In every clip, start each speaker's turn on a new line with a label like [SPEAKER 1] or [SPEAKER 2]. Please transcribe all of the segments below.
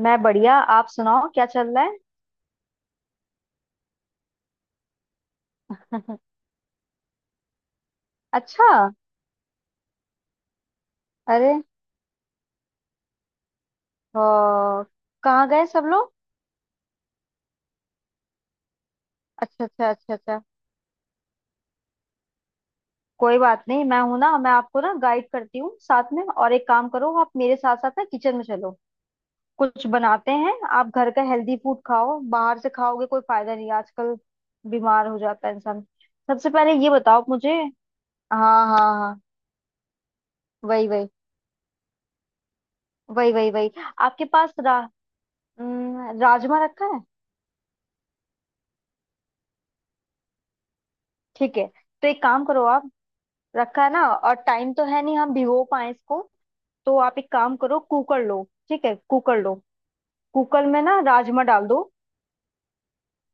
[SPEAKER 1] मैं बढ़िया। आप सुनाओ, क्या चल रहा है? अच्छा। अरे ओ, कहाँ गए सब लोग? अच्छा, अच्छा, अच्छा, अच्छा। कोई बात नहीं, मैं हूं ना। मैं आपको ना गाइड करती हूँ साथ में, और एक काम करो, आप मेरे साथ साथ ना किचन में चलो। कुछ बनाते हैं। आप घर का हेल्दी फूड खाओ, बाहर से खाओगे कोई फायदा नहीं, आजकल बीमार हो जाता है इंसान। सबसे पहले ये बताओ मुझे। हाँ, हाँ, हाँ। वही, वही। वही, वही, वही। आपके पास राजमा रखा है। ठीक है, तो एक काम करो आप। रखा है ना, और टाइम तो है नहीं हम भिगो पाए इसको। तो आप एक काम करो, कुकर लो। ठीक है, कुकर लो। कुकर में ना राजमा डाल दो।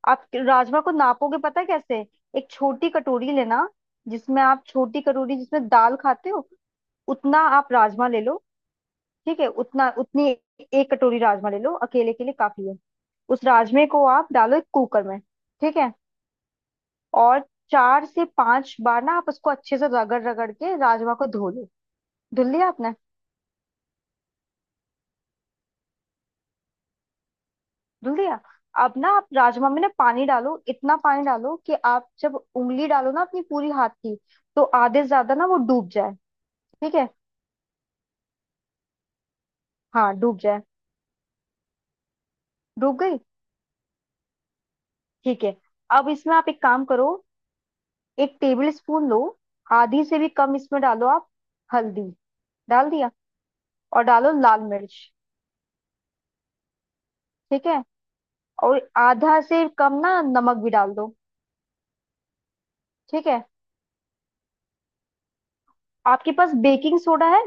[SPEAKER 1] आप राजमा को नापोगे, पता है कैसे? एक छोटी कटोरी लेना, जिसमें आप, छोटी कटोरी जिसमें दाल खाते हो, उतना आप राजमा ले लो। ठीक है, उतना, उतनी एक कटोरी राजमा ले लो, अकेले के लिए काफी है। उस राजमे को आप डालो एक कुकर में, ठीक है। और 4 से 5 बार ना आप उसको अच्छे से रगड़ रगड़ के राजमा को धो लो। धुल लिया आपने? धुल दिया। अब ना आप राजमा में ना पानी डालो। इतना पानी डालो कि आप जब उंगली डालो ना अपनी पूरी हाथ की, तो आधे से ज्यादा ना वो डूब जाए। ठीक है? हाँ, डूब जाए। डूब गई? ठीक है। अब इसमें आप एक काम करो। एक टेबल स्पून लो, आधी से भी कम इसमें डालो आप हल्दी। डाल दिया? और डालो लाल मिर्च। ठीक है। और आधा से कम ना नमक भी डाल दो। ठीक है। आपके पास बेकिंग सोडा है?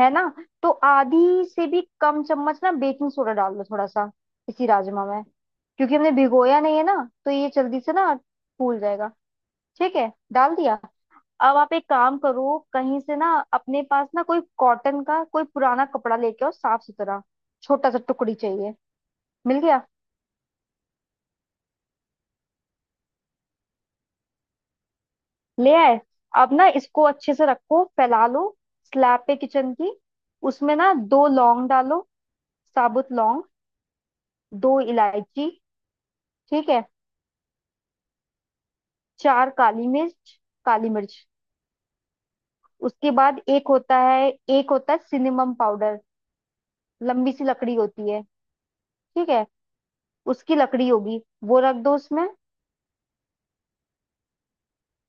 [SPEAKER 1] है ना? तो आधी से भी कम चम्मच ना बेकिंग सोडा डाल दो, थोड़ा सा, इसी राजमा में। क्योंकि हमने भिगोया नहीं है ना, तो ये जल्दी से ना फूल जाएगा। ठीक है, डाल दिया। अब आप एक काम करो, कहीं से ना अपने पास ना कोई कॉटन का कोई पुराना कपड़ा लेके आओ, साफ सुथरा, छोटा सा टुकड़ी चाहिए। मिल गया? ले आए? अब ना इसको अच्छे से रखो, फैला लो स्लैब पे किचन की। उसमें ना दो लौंग डालो, साबुत लौंग। दो इलायची। ठीक है। चार काली मिर्च, काली मिर्च। उसके बाद एक होता है सिनेमम पाउडर। लंबी सी लकड़ी होती है। ठीक है। उसकी लकड़ी होगी, वो रख दो उसमें।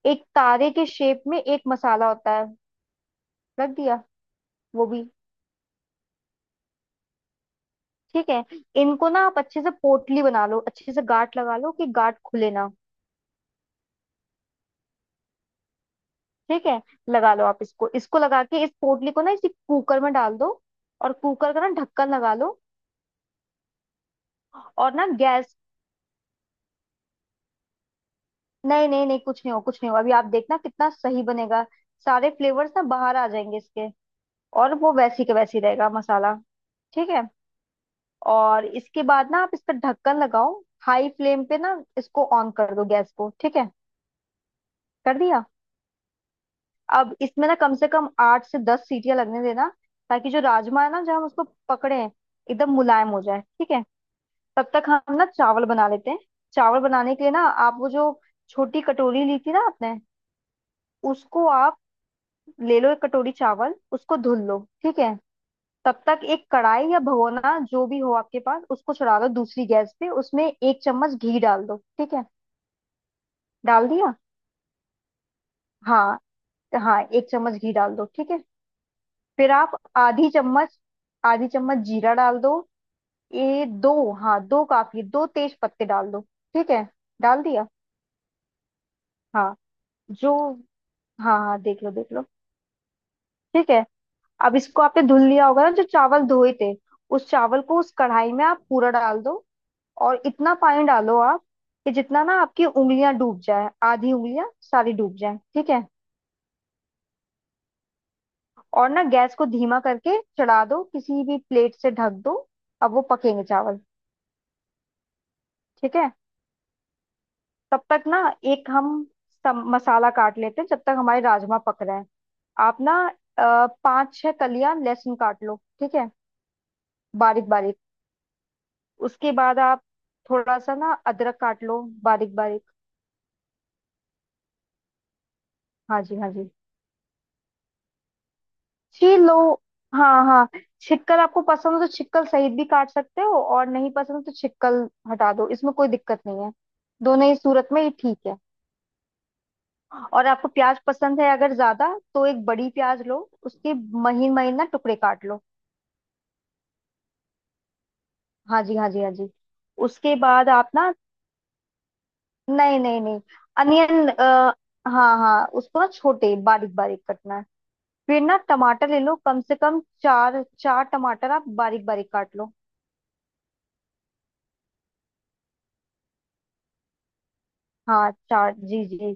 [SPEAKER 1] एक तारे के शेप में एक मसाला होता है। रख दिया? वो भी। ठीक है। इनको ना आप अच्छे से पोटली बना लो, अच्छे से गांठ लगा लो कि गांठ खुले ना। ठीक है, लगा लो आप। इसको इसको लगा के इस पोटली को ना इसी कुकर में डाल दो। और कुकर का ना ढक्कन लगा लो। और ना गैस। नहीं, नहीं, नहीं, कुछ नहीं हो कुछ नहीं हो, अभी आप देखना कितना सही बनेगा। सारे फ्लेवर्स ना बाहर आ जाएंगे इसके। और वो वैसी के वैसी रहेगा मसाला। ठीक है। और इसके बाद ना आप इस पर ढक्कन लगाओ। हाई फ्लेम पे ना इसको ऑन कर दो गैस को। ठीक है, कर दिया? अब इसमें ना कम से कम 8 से 10 सीटियां लगने देना। ताकि जो राजमा है ना जब हम उसको पकड़े हैं, एकदम मुलायम हो जाए। ठीक है। तब तक हम ना चावल बना लेते हैं। चावल बनाने के लिए ना, आप वो जो छोटी कटोरी ली थी ना आपने, उसको आप ले लो एक कटोरी चावल, उसको धुल लो। ठीक है। तब तक एक कढ़ाई या भगोना जो भी हो आपके पास, उसको चढ़ा दो दूसरी गैस पे, उसमें एक चम्मच घी डाल दो। ठीक है, डाल दिया। हाँ, हाँ, एक चम्मच घी डाल दो। ठीक है। फिर आप आधी चम्मच आधी चम्मच जीरा डाल दो। ये दो, हाँ, दो काफी। दो तेज पत्ते डाल दो। ठीक है, डाल दिया। हाँ, जो हाँ, हाँ, देख लो, देख लो। ठीक है। अब इसको आपने धुल लिया होगा ना, जो चावल धोए थे, उस चावल को उस कढ़ाई में आप पूरा डाल दो। और इतना पानी डालो आप, कि जितना ना आपकी उंगलियां डूब जाए, आधी उंगलियां सारी डूब जाए। ठीक है। और ना गैस को धीमा करके चढ़ा दो, किसी भी प्लेट से ढक दो। अब वो पकेंगे चावल। ठीक है। तब तक ना, एक हम मसाला काट लेते हैं, जब तक हमारे राजमा पक रहे हैं। आप ना पाँच छह कलियां लहसुन काट लो। ठीक है, बारीक बारीक। उसके बाद आप थोड़ा सा ना अदरक काट लो बारीक बारीक। हाँ जी, हाँ जी। छीलो, हाँ हाँ। छिकल आपको पसंद हो तो छिकल सहित भी काट सकते हो, और नहीं पसंद हो तो छिकल हटा दो, इसमें कोई दिक्कत नहीं है। दोनों ही सूरत में ये ठीक है। और आपको प्याज पसंद है अगर ज्यादा, तो एक बड़ी प्याज लो, उसके महीन महीन ना टुकड़े काट लो। हाँ जी, हाँ जी, हाँ जी। उसके बाद आप ना, नहीं, नहीं, नहीं, अनियन हाँ, हाँ, उसको ना छोटे बारीक बारीक कटना है। फिर ना टमाटर ले लो, कम से कम चार चार टमाटर आप बारीक बारीक काट लो। हाँ, चार, जी जी।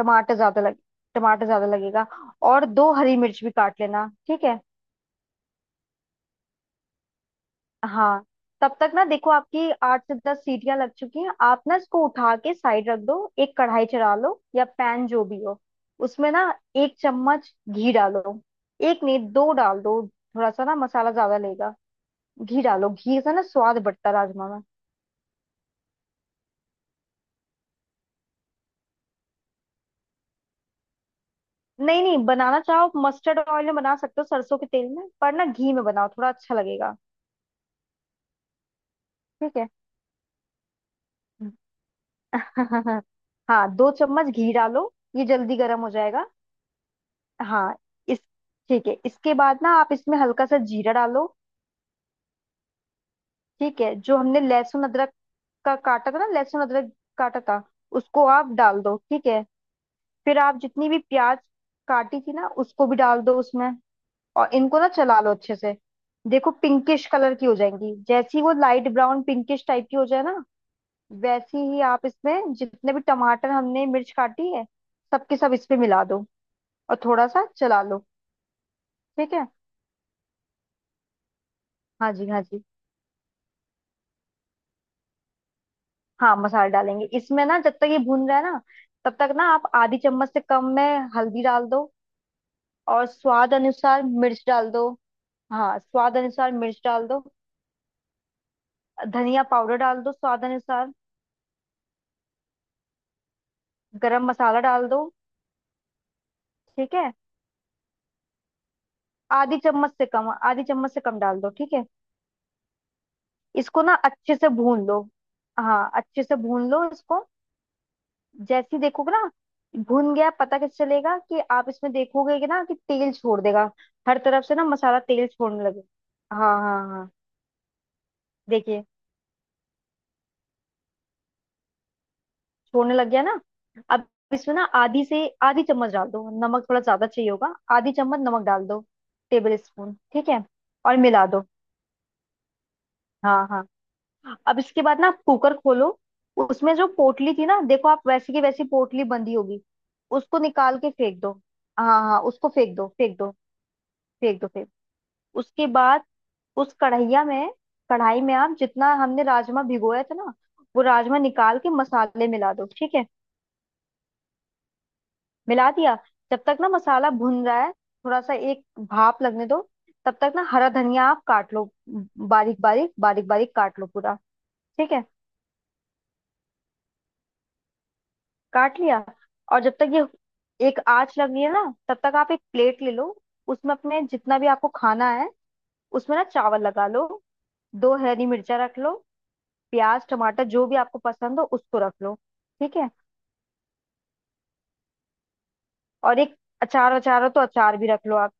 [SPEAKER 1] टमाटर ज्यादा लग टमाटर ज्यादा लगेगा। और दो हरी मिर्च भी काट लेना। ठीक है, हाँ। तब तक ना देखो, आपकी 8 से 10 सीटियां लग चुकी हैं, आप ना इसको उठा के साइड रख दो। एक कढ़ाई चढ़ा लो या पैन जो भी हो, उसमें ना एक चम्मच घी डालो। एक नहीं दो डाल दो, थोड़ा सा ना मसाला ज्यादा लेगा। घी डालो, घी से ना स्वाद बढ़ता है राजमा में। नहीं, नहीं, बनाना चाहो मस्टर्ड ऑयल में बना सकते हो सरसों के तेल में, पर ना घी में बनाओ थोड़ा अच्छा लगेगा। ठीक है। हाँ, दो चम्मच घी डालो ये जल्दी गर्म हो जाएगा। हाँ। इस ठीक है, इसके बाद ना आप इसमें हल्का सा जीरा डालो। ठीक है। जो हमने लहसुन अदरक का काटा था ना, लहसुन अदरक काटा था, उसको आप डाल दो। ठीक है। फिर आप जितनी भी प्याज काटी थी ना उसको भी डाल दो उसमें। और इनको ना चला लो अच्छे से। देखो, पिंकिश कलर की हो जाएंगी, जैसी वो लाइट ब्राउन पिंकिश टाइप की हो जाए ना, वैसी ही आप इसमें जितने भी टमाटर हमने मिर्च काटी है, सबके सब इस पे मिला दो। और थोड़ा सा चला लो। ठीक है। हाँ जी, हाँ जी। हाँ, मसाला डालेंगे इसमें ना, जब तक ये भून रहा है ना, तब तक ना आप आधी चम्मच से कम में हल्दी डाल दो। और स्वाद अनुसार मिर्च डाल दो। हाँ, स्वाद अनुसार मिर्च डाल दो। धनिया पाउडर डाल दो स्वाद अनुसार। गरम मसाला डाल दो। ठीक है, आधी चम्मच से कम, आधी चम्मच से कम डाल दो। ठीक है। इसको ना अच्छे से भून लो। हाँ, अच्छे से भून लो इसको। जैसे ही देखोगे ना भुन गया, पता कैसे चलेगा? कि आप इसमें देखोगे कि ना कि तेल छोड़ देगा, हर तरफ से ना मसाला तेल छोड़ने लगे। हाँ, हाँ, हाँ। देखिए, छोड़ने लग गया ना। अब इसमें ना आधी से आधी चम्मच डाल दो नमक, थोड़ा ज्यादा चाहिए होगा, आधी चम्मच नमक डाल दो, टेबल स्पून। ठीक है, और मिला दो। हाँ, हाँ। अब इसके बाद ना कुकर खोलो, उसमें जो पोटली थी ना, देखो आप, वैसी की वैसी पोटली बंधी होगी। उसको निकाल के फेंक दो। हाँ, हाँ, उसको फेंक दो, फेंक दो, फेंक दो, फेंक। उसके बाद उस कढ़ैया में, कढ़ाई में, आप जितना हमने राजमा भिगोया था ना, वो राजमा निकाल के मसाले मिला दो। ठीक है, मिला दिया। जब तक ना मसाला भुन रहा है थोड़ा सा, एक भाप लगने दो। तब तक ना हरा धनिया आप काट लो, बारीक बारीक बारीक बारीक काट लो पूरा। ठीक है, काट लिया। और जब तक ये एक आंच लग रही है ना, तब तक आप एक प्लेट ले लो। उसमें अपने जितना भी आपको खाना है, उसमें ना चावल लगा लो, दो हरी मिर्चा रख लो। प्याज टमाटर जो भी आपको पसंद हो उसको रख लो। ठीक है। और एक अचार, अचार हो तो अचार भी रख लो आप।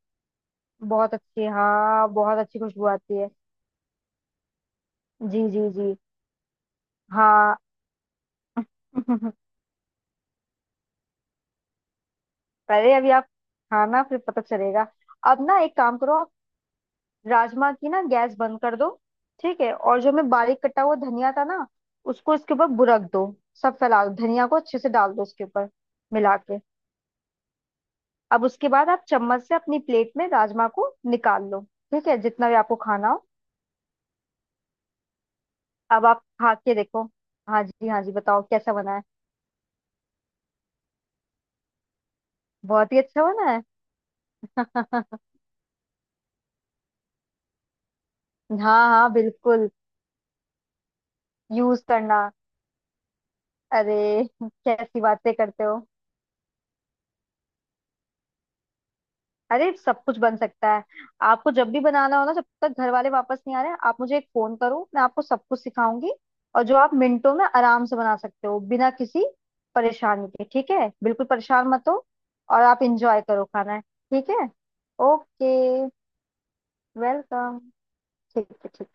[SPEAKER 1] बहुत अच्छी, हाँ बहुत अच्छी खुशबू आती है। जी जी जी, हाँ। पहले अभी आप खाना, फिर पता चलेगा। अब ना एक काम करो आप, राजमा की ना गैस बंद कर दो। ठीक है, और जो मैं बारीक कटा हुआ धनिया था ना, उसको इसके ऊपर बुरक दो, सब फैला दो धनिया को, अच्छे से डाल दो उसके ऊपर, मिला के। अब उसके बाद आप चम्मच से अपनी प्लेट में राजमा को निकाल लो। ठीक है, जितना भी आपको खाना हो। अब आप खा के देखो। हाँ जी, हाँ जी, बताओ कैसा बना है। बहुत ही अच्छा बना है। हाँ, हाँ, बिल्कुल, यूज करना। अरे, कैसी बातें करते हो। अरे, सब कुछ बन सकता है। आपको जब भी बनाना हो ना, जब तक घर वाले वापस नहीं आ रहे, आप मुझे एक फोन करो, मैं आपको सब कुछ सिखाऊंगी। और जो आप मिनटों में आराम से बना सकते हो बिना किसी परेशानी के। ठीक है, बिल्कुल परेशान मत हो। और आप इंजॉय करो खाना। ठीक है, ओके, वेलकम। ठीक है, ठीक है।